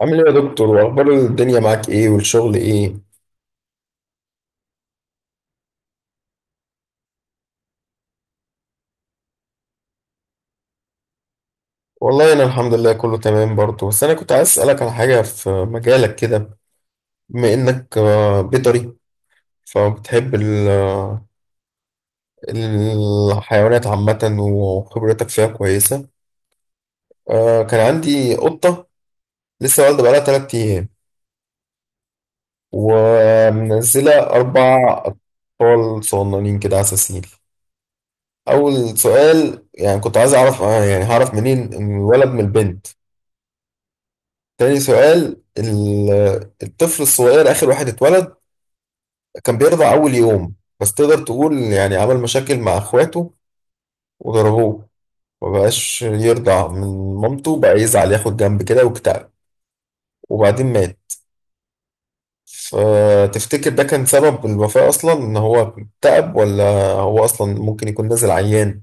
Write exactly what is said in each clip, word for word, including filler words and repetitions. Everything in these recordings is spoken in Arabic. عامل ايه يا دكتور؟ واخبار الدنيا معاك ايه، والشغل ايه؟ والله انا الحمد لله كله تمام برضه، بس انا كنت عايز اسالك على حاجه في مجالك كده. بما انك آه، بيطري، فبتحب ال- آه، الحيوانات عامه وخبرتك فيها كويسه. آه، كان عندي قطه لسه والده بقالها 3 ايام، ومنزله اربع اطفال صغننين كده عساسين. اول سؤال، يعني كنت عايز اعرف آه، يعني هعرف منين الولد من البنت؟ تاني سؤال، ال- الطفل الصغير آخر واحد اتولد، كان بيرضع أول يوم، بس تقدر تقول يعني عمل مشاكل مع إخواته وضربوه، مبقاش يرضع من مامته، بقى يزعل ياخد جنب كده واكتئب، وبعدين مات. فتفتكر ده كان سبب الوفاة أصلا إن هو اكتئب، ولا هو أصلا ممكن يكون نازل عيان؟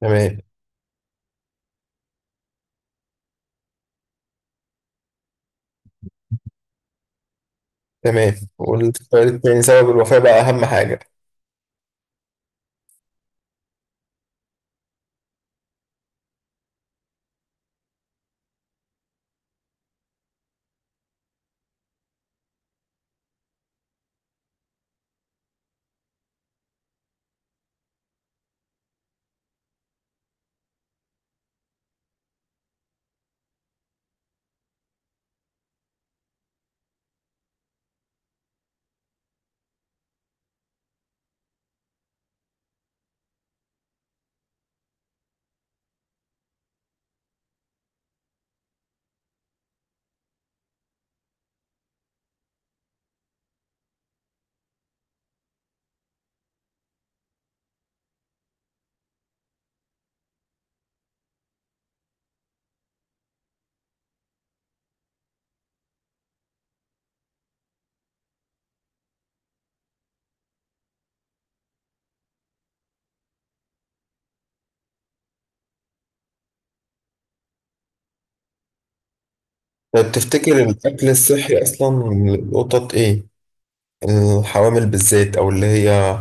تمام. تمام، والسؤال التاني سبب الوفاة بقى أهم حاجة. طب تفتكر الأكل الصحي أصلا للقطط إيه؟ الحوامل بالذات، أو اللي هي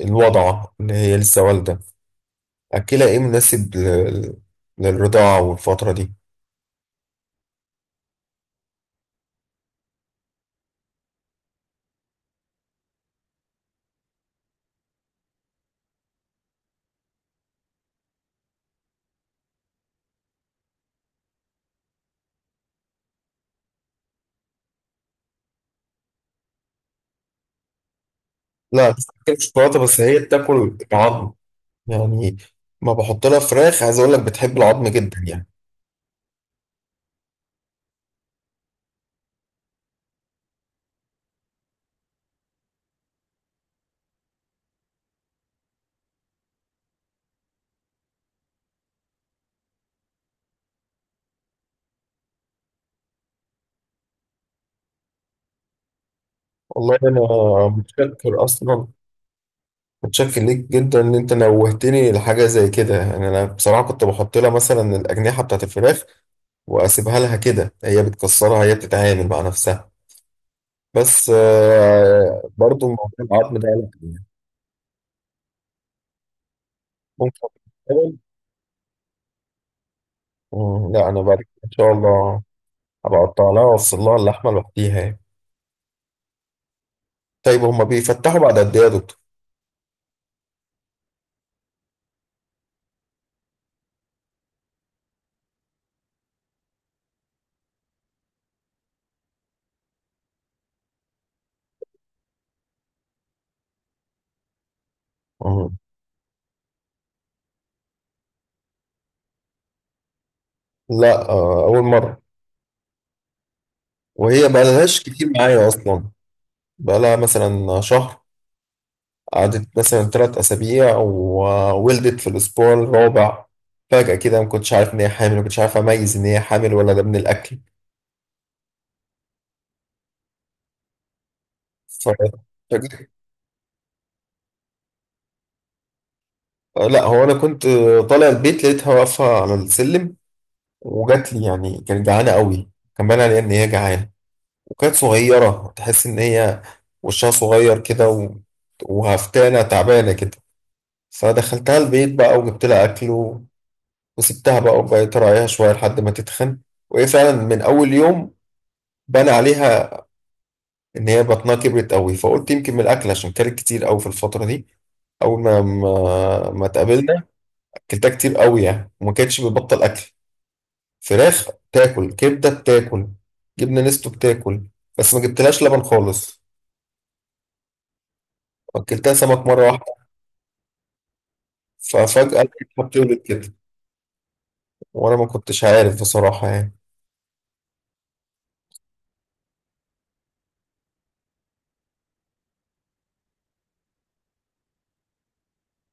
الوضعة اللي هي لسه والدة، أكلها إيه مناسب لل- للرضاعة والفترة دي؟ لا، مش بتاكل شوكولاتة، بس هي بتاكل عظم. يعني ما بحط لها فراخ، عايز أقول لك بتحب العظم جدا يعني. والله أنا متشكر. أصلا متشكر ليك جدا إن أنت نوهتني لحاجة زي كده. يعني أنا بصراحة كنت بحط لها مثلا الأجنحة بتاعت الفراخ، وأسيبها لها كده، هي بتكسرها، هي بتتعامل مع نفسها. بس آه، برضو موضوع العظم ده لا يعني ممكن أول لا، أنا بعد كده إن شاء الله هبقى أقطع لها وأوصل لها اللحمة لوحديها يعني. طيب هما بيفتحوا بعد قد إيه يا دكتور؟ مم. لا آه، أول مرة، وهي بقالهاش كتير معايا أصلا، بقالها مثلا شهر، قعدت مثلا تلات أسابيع وولدت في الأسبوع الرابع. فجأة كده ما كنتش عارف إن هي حامل، ما كنتش عارف أميز إن هي حامل ولا ده من الأكل. ف- فجيت آه، لا، هو انا كنت آه، طالع البيت لقيتها واقفه على السلم، وجات لي، يعني كانت جعانه قوي، كان باين عليها ان هي جعانه، وكانت صغيره تحس ان هي وشها صغير كده و... وهفتانه تعبانه كده. فدخلتها البيت بقى وجبت لها اكل و... وسبتها بقى، وبقيت اراعيها شويه لحد ما تتخن. وهي فعلا من اول يوم بان عليها ان هي بطنها كبرت قوي، فقلت يمكن من الاكل عشان كانت كتير قوي في الفتره دي اول ما ما, ما اتقابلنا. اكلتها كتير قوي يعني، وما كانتش بتبطل اكل، فراخ بتاكل، كبدة بتاكل، جبنة نستو بتاكل، بس ما جبتلهاش لبن خالص. أكلتها سمك مرة واحدة. ففجأة لقيتها بتولد كده، وأنا ما كنتش عارف بصراحة يعني.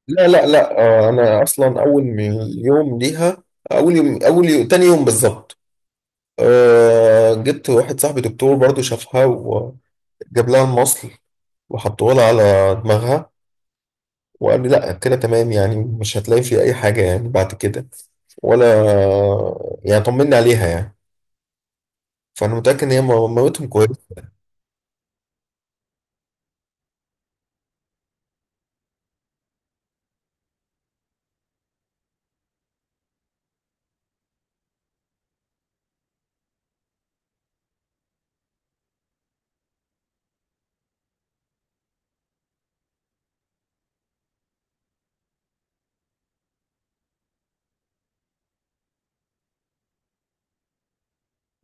لا، لا، لا، آه، أنا أصلا أول من يوم ليها، أول يوم، أول يوم، تاني يوم بالظبط. أه، جبت واحد صاحبي دكتور برضو شافها، وجاب لها المصل وحطوه لها على دماغها، وقال لي لا، كده تمام يعني، مش هتلاقي فيه أي حاجة يعني بعد كده، ولا، يعني طمني عليها يعني. فانا متاكد ان هي مامتهم كويسه.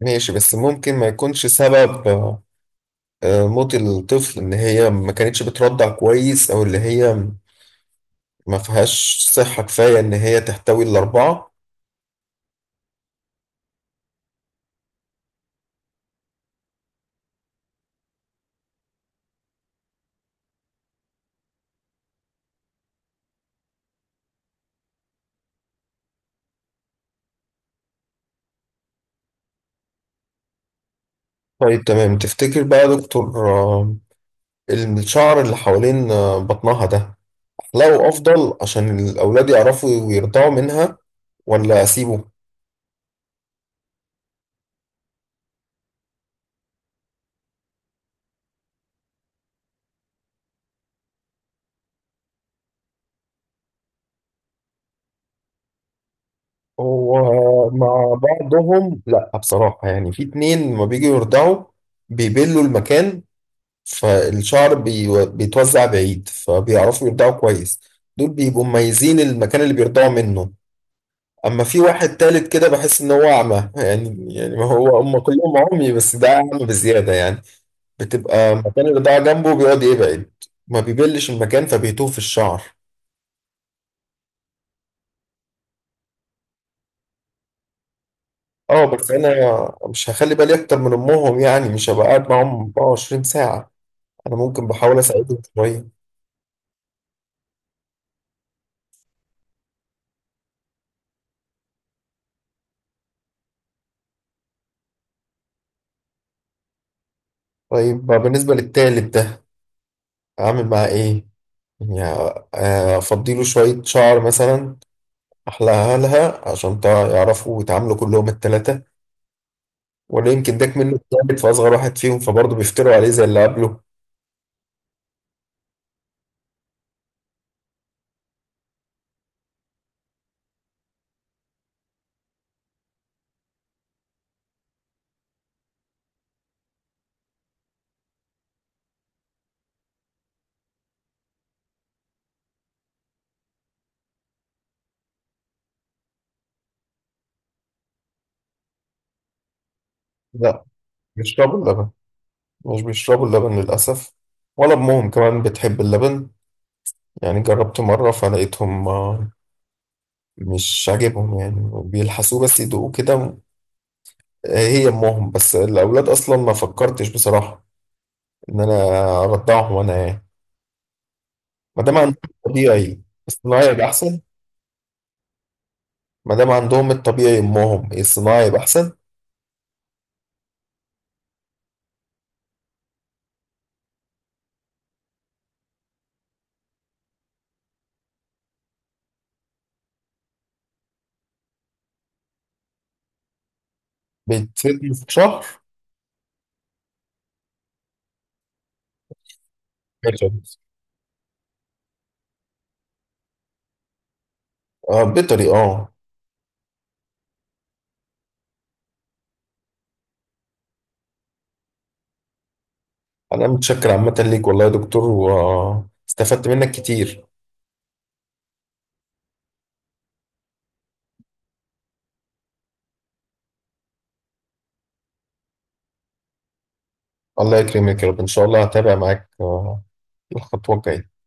ماشي، بس ممكن ما يكونش سبب آه، آه، موت الطفل ان هي ما كانتش بترضع كويس، او اللي هي ما فيهاش صحه كفايه ان هي تحتوي الاربعه؟ طيب تمام. تفتكر بقى يا دكتور، آه، الشعر اللي حوالين آه، بطنها ده احلقه افضل عشان الاولاد يعرفوا ويرضعوا منها، ولا اسيبه؟ هو مع بعضهم لا بصراحه، يعني في اتنين لما بيجوا يرضعوا بيبلوا المكان، فالشعر بيو- بيتوزع بعيد، فبيعرفوا يرضعوا كويس، دول بيبقوا مميزين المكان اللي بيرضعوا منه. اما في واحد تالت كده بحس ان هو اعمى، يعني يعني ما هو هم كلهم عمي بس ده اعمى بزياده يعني. بتبقى مكان الرضاعه جنبه بيقعد يبعد، ما بيبلش المكان فبيتوه في الشعر. اه، بس انا مش هخلي بالي اكتر من امهم، يعني مش هبقى قاعد معاهم 24 ساعه، انا ممكن بحاول اساعدهم شويه. طيب بالنسبه للتالت ده اعمل معاه ايه؟ يعني آه، افضيله شوية شعر مثلا، احلقها لها عشان تع- يعرفوا يتعاملوا كلهم التلاتة، ولا يمكن داك منه التالت فاصغر واحد فيهم، فبرضه بيفتروا عليه زي اللي قبله؟ لا، بيشربوا اللبن، مش بيشربوا اللبن للأسف، ولا أمهم كمان بتحب اللبن. يعني جربت مرة فلقيتهم آه، مش عاجبهم، يعني بيلحسوه بس يدوقوه كده. آه، هي أمهم، بس الأولاد أصلا ما فكرتش بصراحة إن أنا أرضعهم أنا يعني. ما دام عندهم الطبيعي، الصناعي يبقى احسن. ما دام عندهم الطبيعي، امهم، الصناعي يبقى احسن. بيتسد في شهر. بيخلص. آه، بيطري، اه. انا متشكر عامه ليك والله يا دكتور، واستفدت منك كتير. الله يكرمك يا رب، ان شاء الله هتابع معاك آه، الخطوه الجايه.